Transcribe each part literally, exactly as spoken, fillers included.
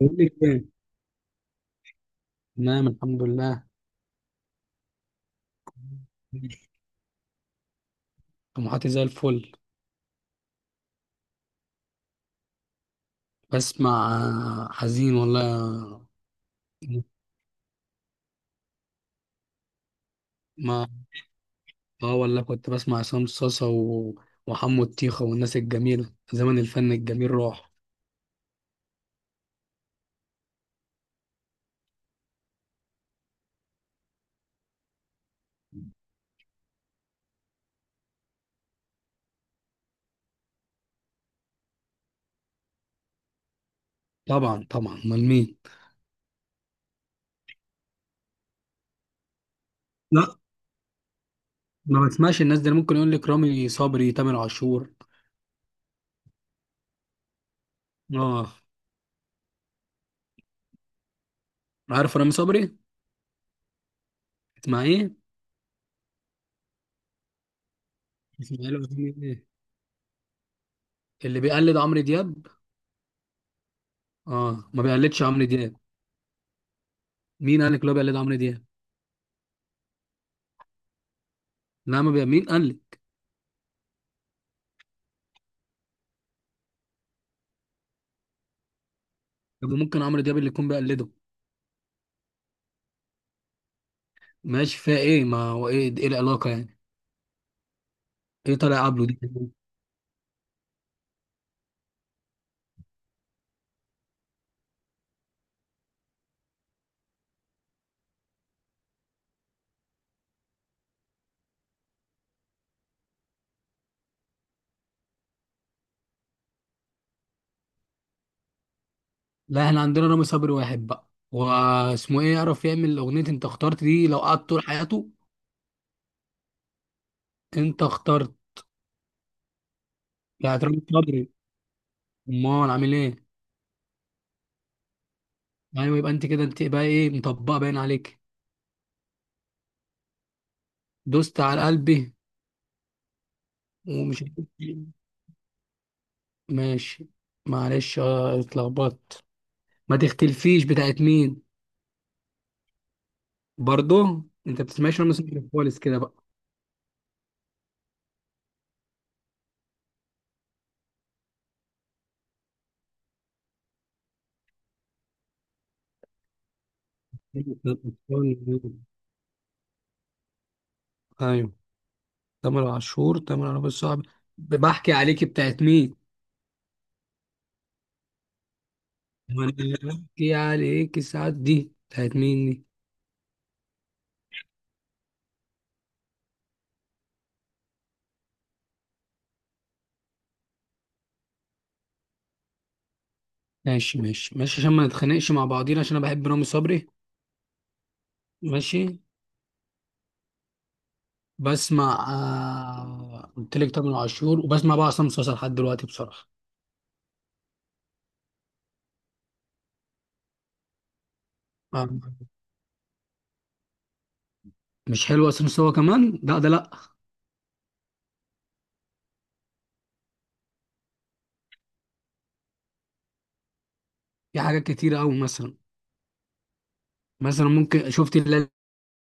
بقول لك ايه؟ تمام، الحمد لله. طموحاتي زي الفل. بسمع آه، حزين والله آه، ما اه والله كنت بسمع عصام صاصا و... وحمو الطيخة والناس الجميلة، زمن الفن الجميل راح. طبعا طبعا، امال مين؟ لا، ما بسمعش الناس دي. أنا ممكن يقول لك رامي صبري، تامر عاشور. اه. عارف رامي صبري؟ اسمع ايه؟ اسمع له أغاني إيه؟ اللي بيقلد عمرو دياب؟ اه، ما بيقلدش عمرو دياب. مين قال لك لو بيقلد عمرو دياب؟ لا، ما بي... مين قال لك؟ طب، ممكن عمرو دياب اللي يكون بيقلده. ماشي، فيها ايه؟ ما هو ايه ايه العلاقه يعني؟ ايه طالع قبله دي؟ لا، احنا عندنا رامي صبري واحد بقى، واسمه ايه؟ يعرف يعمل اغنيه؟ انت اخترت دي لو قعد طول حياته. انت اخترت يعني. رامي صبري امال عامل ايه؟ ايوه، يبقى انت كده. انت بقى ايه؟ مطبقه باين عليك. دوست على قلبي، ومش عارف إيه. ماشي. معلش، اه اتلخبطت. ما تختلفيش، بتاعت مين؟ برضه انت بتسمعش رامي صبري خالص كده بقى؟ ايوه. تامر عاشور تامر عاشور الصعب. بحكي عليكي بتاعت مين؟ وانا بحكي عليكي ساعات، دي بتاعت مين دي؟ ماشي ماشي ماشي، عشان ما نتخانقش مع بعضينا، عشان انا بحب رامي صبري. ماشي. بسمع آه، قلت لك تامر عاشور. وبسمع بقى عصام صاصا لحد دلوقتي بصراحه. آه، مش حلو عصام صاصا كمان، لا ده لا. في حاجات كتيره قوي، مثلا. مثلا ممكن شفت اللي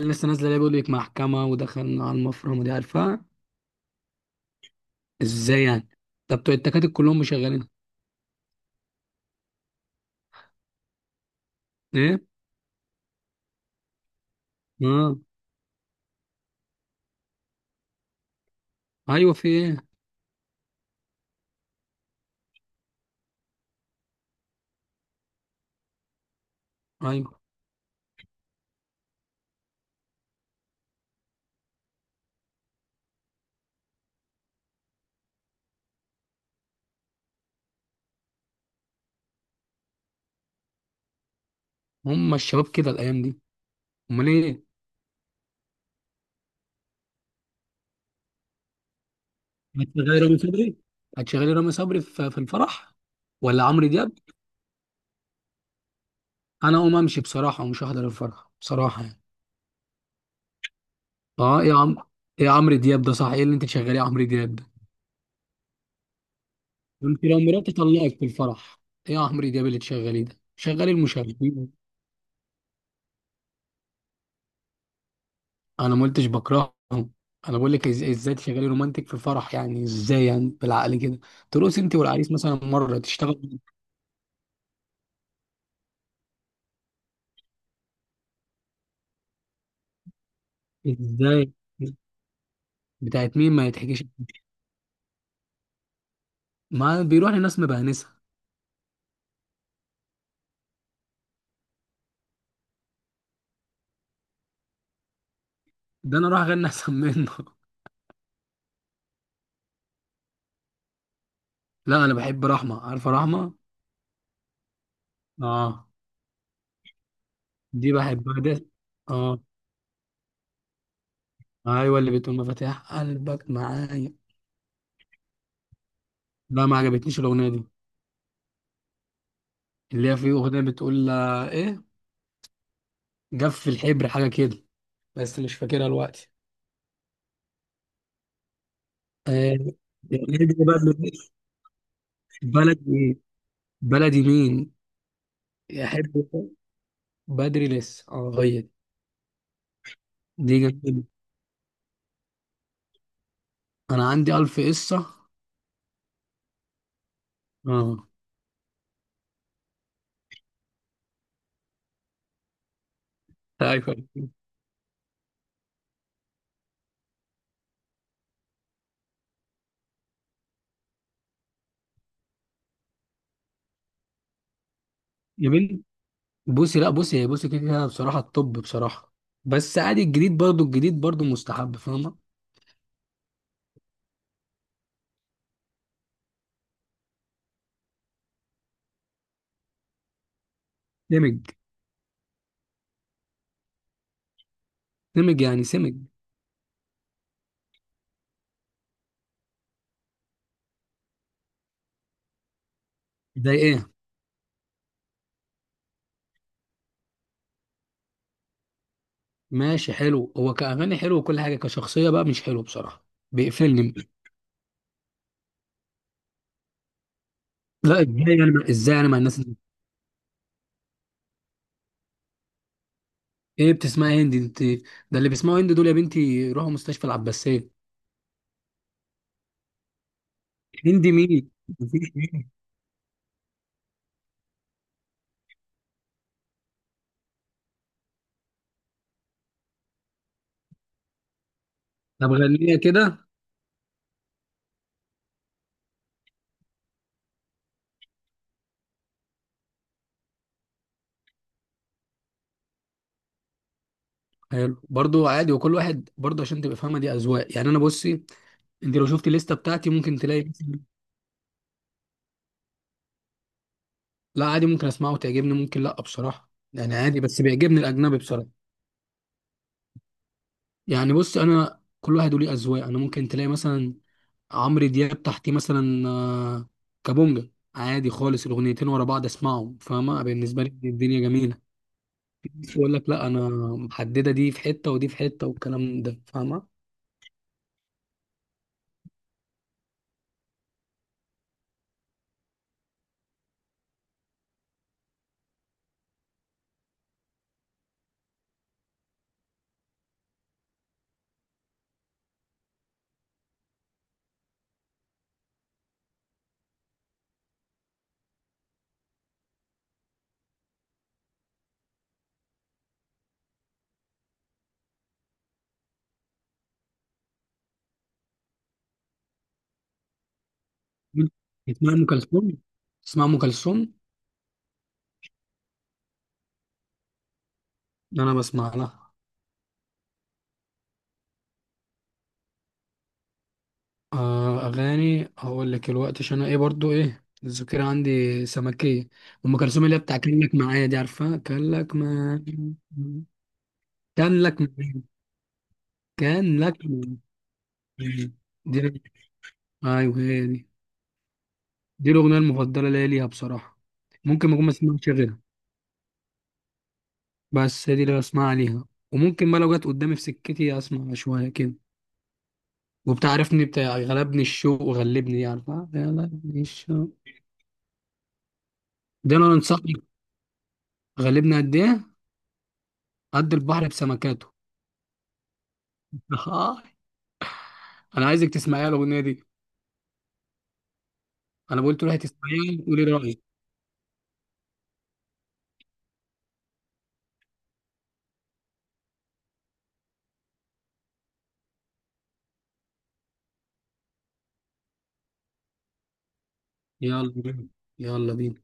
اللي لسه نازله، اللي بيقول لك محكمه ودخلنا على المفرمه دي؟ عارفها؟ ازاي يعني؟ طب بتوع التكاتك كلهم مشغلين. ايه، اه ايوه. في ايه؟ ايوه، هم الشباب كده الايام دي. امال ايه؟ هتشغلي رامي صبري هتشغلي رامي صبري في في الفرح، ولا عمرو دياب؟ انا اقوم امشي بصراحه، ومش هحضر الفرح بصراحه يعني. اه ايه يا عم؟ ايه عمرو دياب ده؟ صح، ايه اللي انت تشغليه عمرو دياب ده؟ انت لو مراتي طلقت في الفرح، ايه يا عمرو دياب اللي تشغليه ده؟ شغلي المشاغبين. انا ما قلتش بكرههم. انا بقول لك إز- ازاي تشغلي رومانتك في الفرح؟ يعني ازاي؟ يعني بالعقل كده؟ ترقص انت والعريس مثلا، مره تشتغل ازاي؟ بتاعت مين ما يتحكيش؟ ما بيروح لناس مبهنسة. ده انا اروح اغني احسن منه. لا، انا بحب رحمة. عارفة رحمة؟ اه، دي بحبها ده. اه، ايوه، اللي بتقول مفاتيح قلبك معايا. لا، ما عجبتنيش الاغنية دي. اللي هي في اغنية بتقول آه، ايه، جف الحبر، حاجة كده. بس مش فاكرها دلوقتي. آه. الأغنية دي بقى اللي- بلدي. بلدي مين يحب؟ بدري لسه، اه هي دي. دي جميلة. انا عندي الف قصة. اه. ايوه، جميل. بصي لا بصي هي بصي كده كده بصراحه، الطب بصراحه. بس عادي، الجديد برضو الجديد برضو مستحب، فاهمه؟ سمج. سمج يعني، سمج. زي ايه؟ ماشي، حلو هو كاغاني، حلو وكل حاجه، كشخصيه بقى مش حلو بصراحه. بيقفلني. لا، ازاي انا مع- ازاي انا مع الناس اللي... ايه، بتسمع هندي انت؟ ده اللي بيسمعوا هندي دول يا بنتي روحوا مستشفى العباسيه. هندي مين؟ مفيش هندي. طب غنيه كده. حلو برضو، عادي. وكل واحد برضو، عشان تبقى فاهمه، دي اذواق يعني. انا، بصي، انت لو شفتي الليسته بتاعتي ممكن تلاقي. لا عادي، ممكن اسمعه وتعجبني، ممكن لا بصراحه يعني. عادي، بس بيعجبني الاجنبي بصراحه. يعني بص، انا كل واحد وليه اذواق. انا ممكن تلاقي مثلا عمرو دياب، تحتيه مثلا آه، كابونجا. عادي خالص. الاغنيتين ورا بعض اسمعهم، فاهمه؟ بالنسبه لي الدنيا جميله. في ناس يقول لك لا، انا محدده، دي في حته ودي في حته، والكلام ده، فاهمه؟ تسمع ام كلثوم؟ تسمع ام كلثوم؟ انا بسمع لها. آه اغاني هقول لك الوقت، عشان انا ايه برضو، ايه، الذاكره عندي سمكيه. ام كلثوم اللي هي بتاع كان لك معايا، دي عارفها؟ كان لك معايا، كان لك معايا، كان لك معايا دي. ايوه، هي دي. دي الاغنيه المفضله ليا ليها بصراحه. ممكن ما اكون ما اسمعش غيرها، بس هي دي اللي بسمعها ليها. وممكن بقى لو جت قدامي في سكتي اسمع شويه كده. وبتعرفني بتاع غلبني الشوق وغلبني دي؟ عارفها؟ غلبني الشوق، ده انا انصحك. غلبني قد ايه؟ قد البحر بسمكاته. اه. انا عايزك تسمعيها الاغنيه دي. انا بقول تروحي تسمعيها وقولي رايك. يلا بينا. يلا بينا.